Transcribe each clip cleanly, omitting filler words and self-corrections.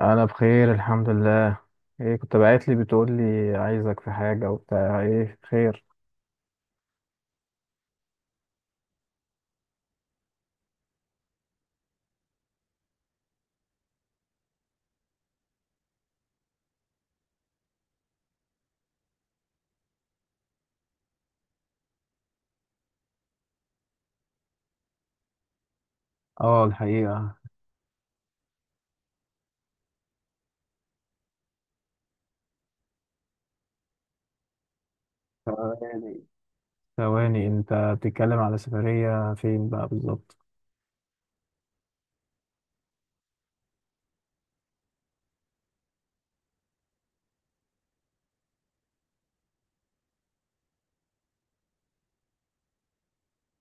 انا بخير الحمد لله. ايه كنت باعت لي بتقول لي عايزك في حاجه وبتاع، ايه خير؟ اه الحقيقة. ثواني، ثواني، انت بتتكلم على سفرية فين بقى بالظبط؟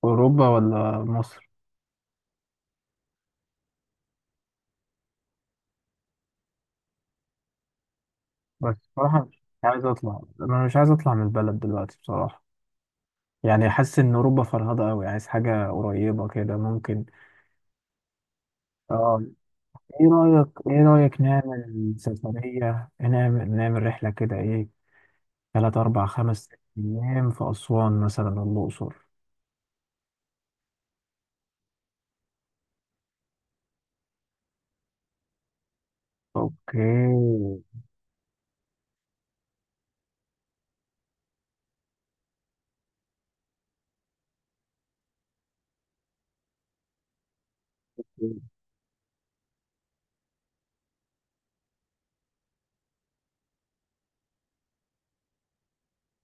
اوروبا ولا مصر؟ بس بصراحة مش عايز اطلع، انا مش عايز اطلع من البلد دلوقتي بصراحة. يعني حاسس ان اوروبا فرهضة قوي، عايز حاجة قريبة كده ممكن. اه، ايه رأيك نعمل سفرية، نعمل رحلة كده، ايه؟ تلات أربع خمس أيام في أسوان مثلا، الأقصر. أوكي،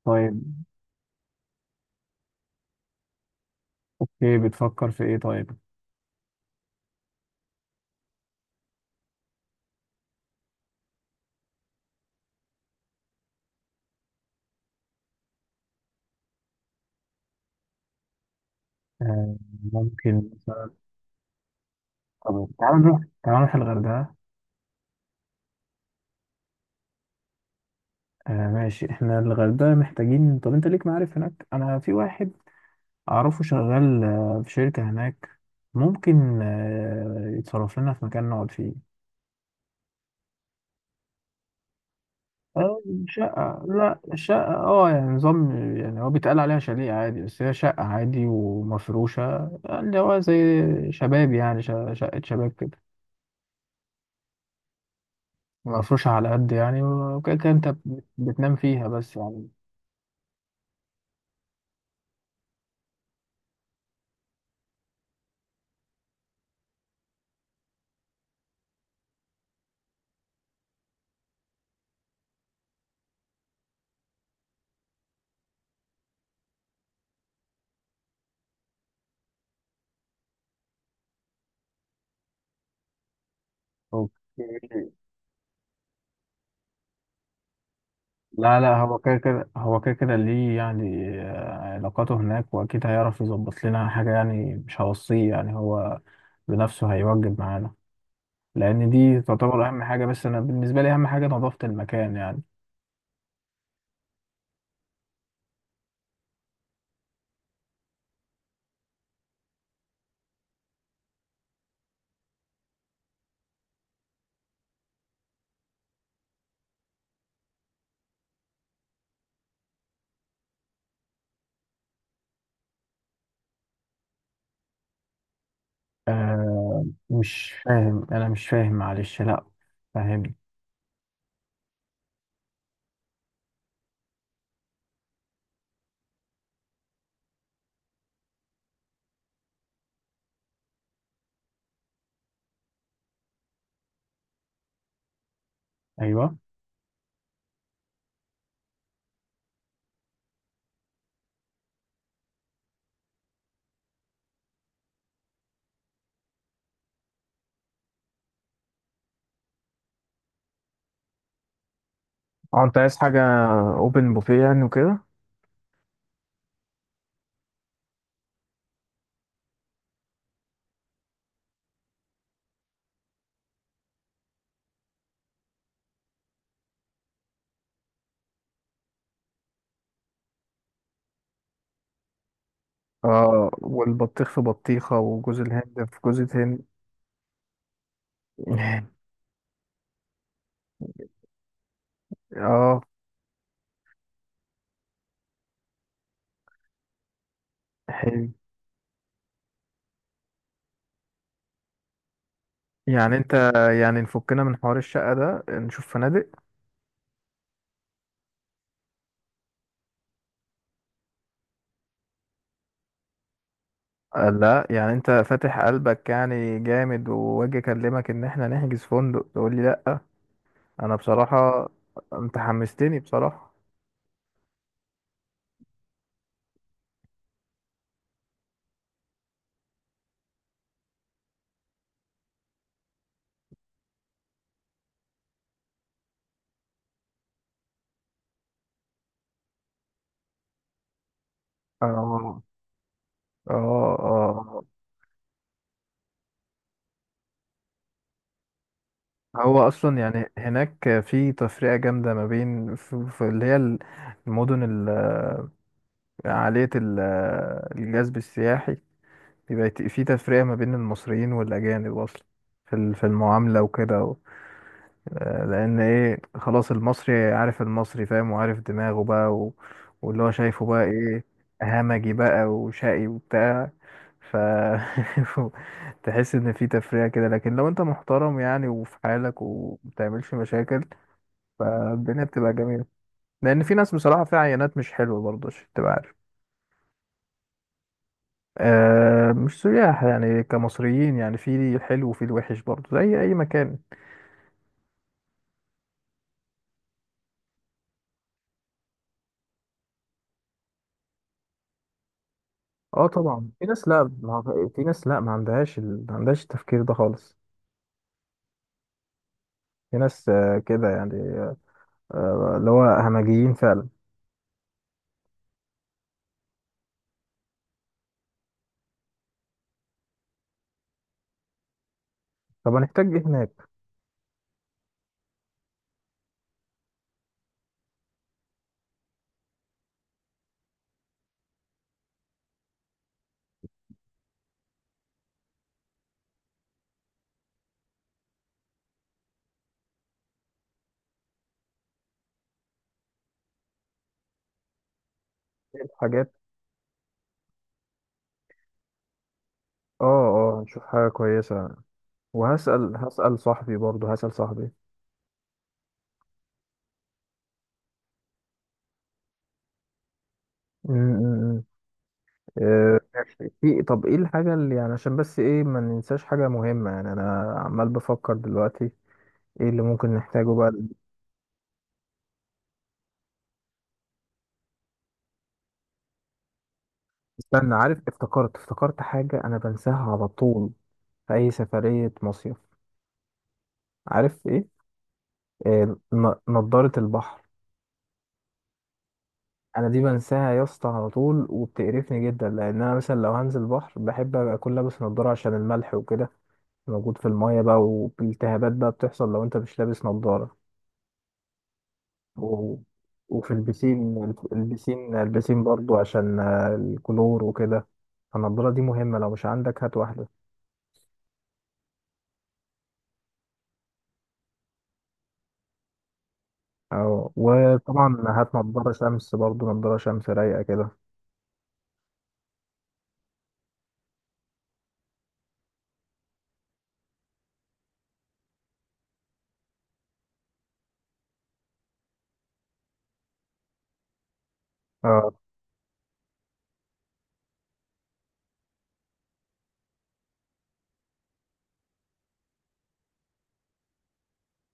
طيب. إيه بتفكر في إيه طيب؟ آه ممكن مثلا. طب تعال نروح الغردقة. آه ماشي، إحنا الغردقة محتاجين. طب أنت ليك معارف هناك؟ أنا في واحد أعرفه شغال آه في شركة هناك، ممكن آه يتصرف لنا في مكان نقعد فيه. آه، شقة، لا شقة اه يعني نظام. يعني هو بيتقال عليها شاليه عادي بس هي شقة عادي ومفروشة، اللي هو زي شباب يعني شقة شباب كده. مفروشة على قد يعني، وكده كده انت بتنام فيها بس يعني. أوكي. لا، لا هو كده كده ليه يعني، علاقاته هناك وأكيد هيعرف يظبط لنا حاجة، يعني مش هوصيه، يعني هو بنفسه هيوجب معانا. لأن دي تعتبر أهم حاجة، بس أنا بالنسبة لي أهم حاجة نظافة المكان يعني. آه مش فاهم، انا مش فاهم، معلش لا. فاهم. ايوه. اه انت عايز حاجة؟ اوبن بوفيه يعني وكده. اه، والبطيخ في بطيخة وجوز الهند في جوز الهند. اه. حلو. يعني انت، يعني نفكنا من حوار الشقة ده نشوف فنادق. لا يعني انت فاتح قلبك يعني جامد، واجي اكلمك ان احنا نحجز فندق تقول لي لا. انا بصراحة انت حمستني بصراحة. اه، اه، اه. هو اصلا يعني هناك في تفرقه جامده ما بين، في اللي هي المدن عاليه الجذب السياحي، بيبقى في تفرقه ما بين المصريين والاجانب اصلا، في في المعامله وكده لان ايه خلاص، المصري عارف، المصري فاهم وعارف دماغه بقى واللي هو شايفه بقى ايه، همجي بقى وشقي وبتاع. ف تحس ان في تفرقه كده، لكن لو انت محترم يعني وفي حالك ومبتعملش مشاكل، فالدنيا بتبقى جميلة. لأن في ناس بصراحة فيها عينات مش حلوة برضه، عشان تبقى عارف. آه مش سياح، يعني كمصريين يعني، في الحلو وفي الوحش برضه زي أي مكان. اه طبعا في ناس، لا ما هو- في ناس لا ما عندهاش ما عندهاش التفكير ده خالص. في ناس آه كده يعني، آه اللي هو همجيين فعلا. طب هنحتاج ايه هناك؟ نجيب حاجات. اه. اه، نشوف حاجة كويسة. وهسأل صاحبي برضه، هسأل صاحبي. م- م- م. آه، ماشي. في، طب ايه الحاجة اللي يعني، عشان بس ايه ما ننساش حاجة مهمة يعني، انا عمال بفكر دلوقتي ايه اللي ممكن نحتاجه بقى. استنى، عارف افتكرت حاجة انا بنساها على طول في اي سفرية مصيف؟ عارف ايه؟ نضارة البحر. انا دي بنساها يا اسطى على طول، وبتقرفني جدا لان انا مثلا لو هنزل بحر بحب ابقى اكون لابس نضارة، عشان الملح وكده موجود في المايه بقى، والتهابات بقى بتحصل لو انت مش لابس نضارة. و... وفي البسين البسين برضو عشان الكلور وكده. فالنضارة دي مهمة، لو مش عندك هات واحدة. اه، وطبعا هات نضارة شمس برضو، نضارة شمس رايقة كده. اه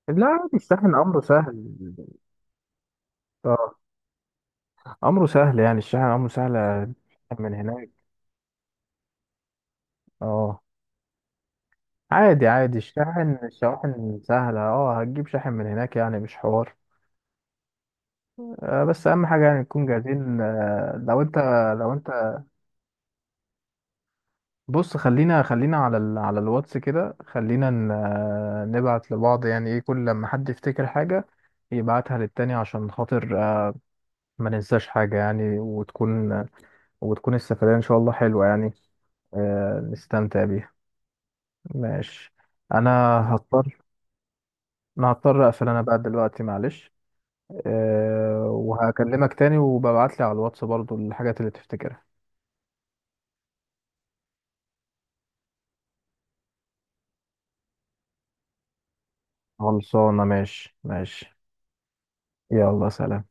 لا عادي، الشاحن أمره سهل. اه أمره سهل يعني، الشاحن أمره سهل من هناك. اه عادي عادي، الشاحن الشواحن سهلة، اه هتجيب شاحن من هناك يعني مش حوار. آه بس أهم حاجة يعني نكون جاهزين. آه لو أنت، لو أنت بص خلينا على على الواتس كده، خلينا نبعت لبعض يعني، ايه كل لما حد يفتكر حاجة يبعتها للتاني، عشان خاطر ما ننساش حاجة يعني، وتكون السفرية ان شاء الله حلوة يعني، نستمتع بيها. ماشي. انا هضطر، انا هضطر اقفل انا بقى دلوقتي معلش. أه وهكلمك تاني، وببعتلي على الواتس برضو الحاجات اللي تفتكرها. خلصانة، ماشي ماشي. يلا سلام.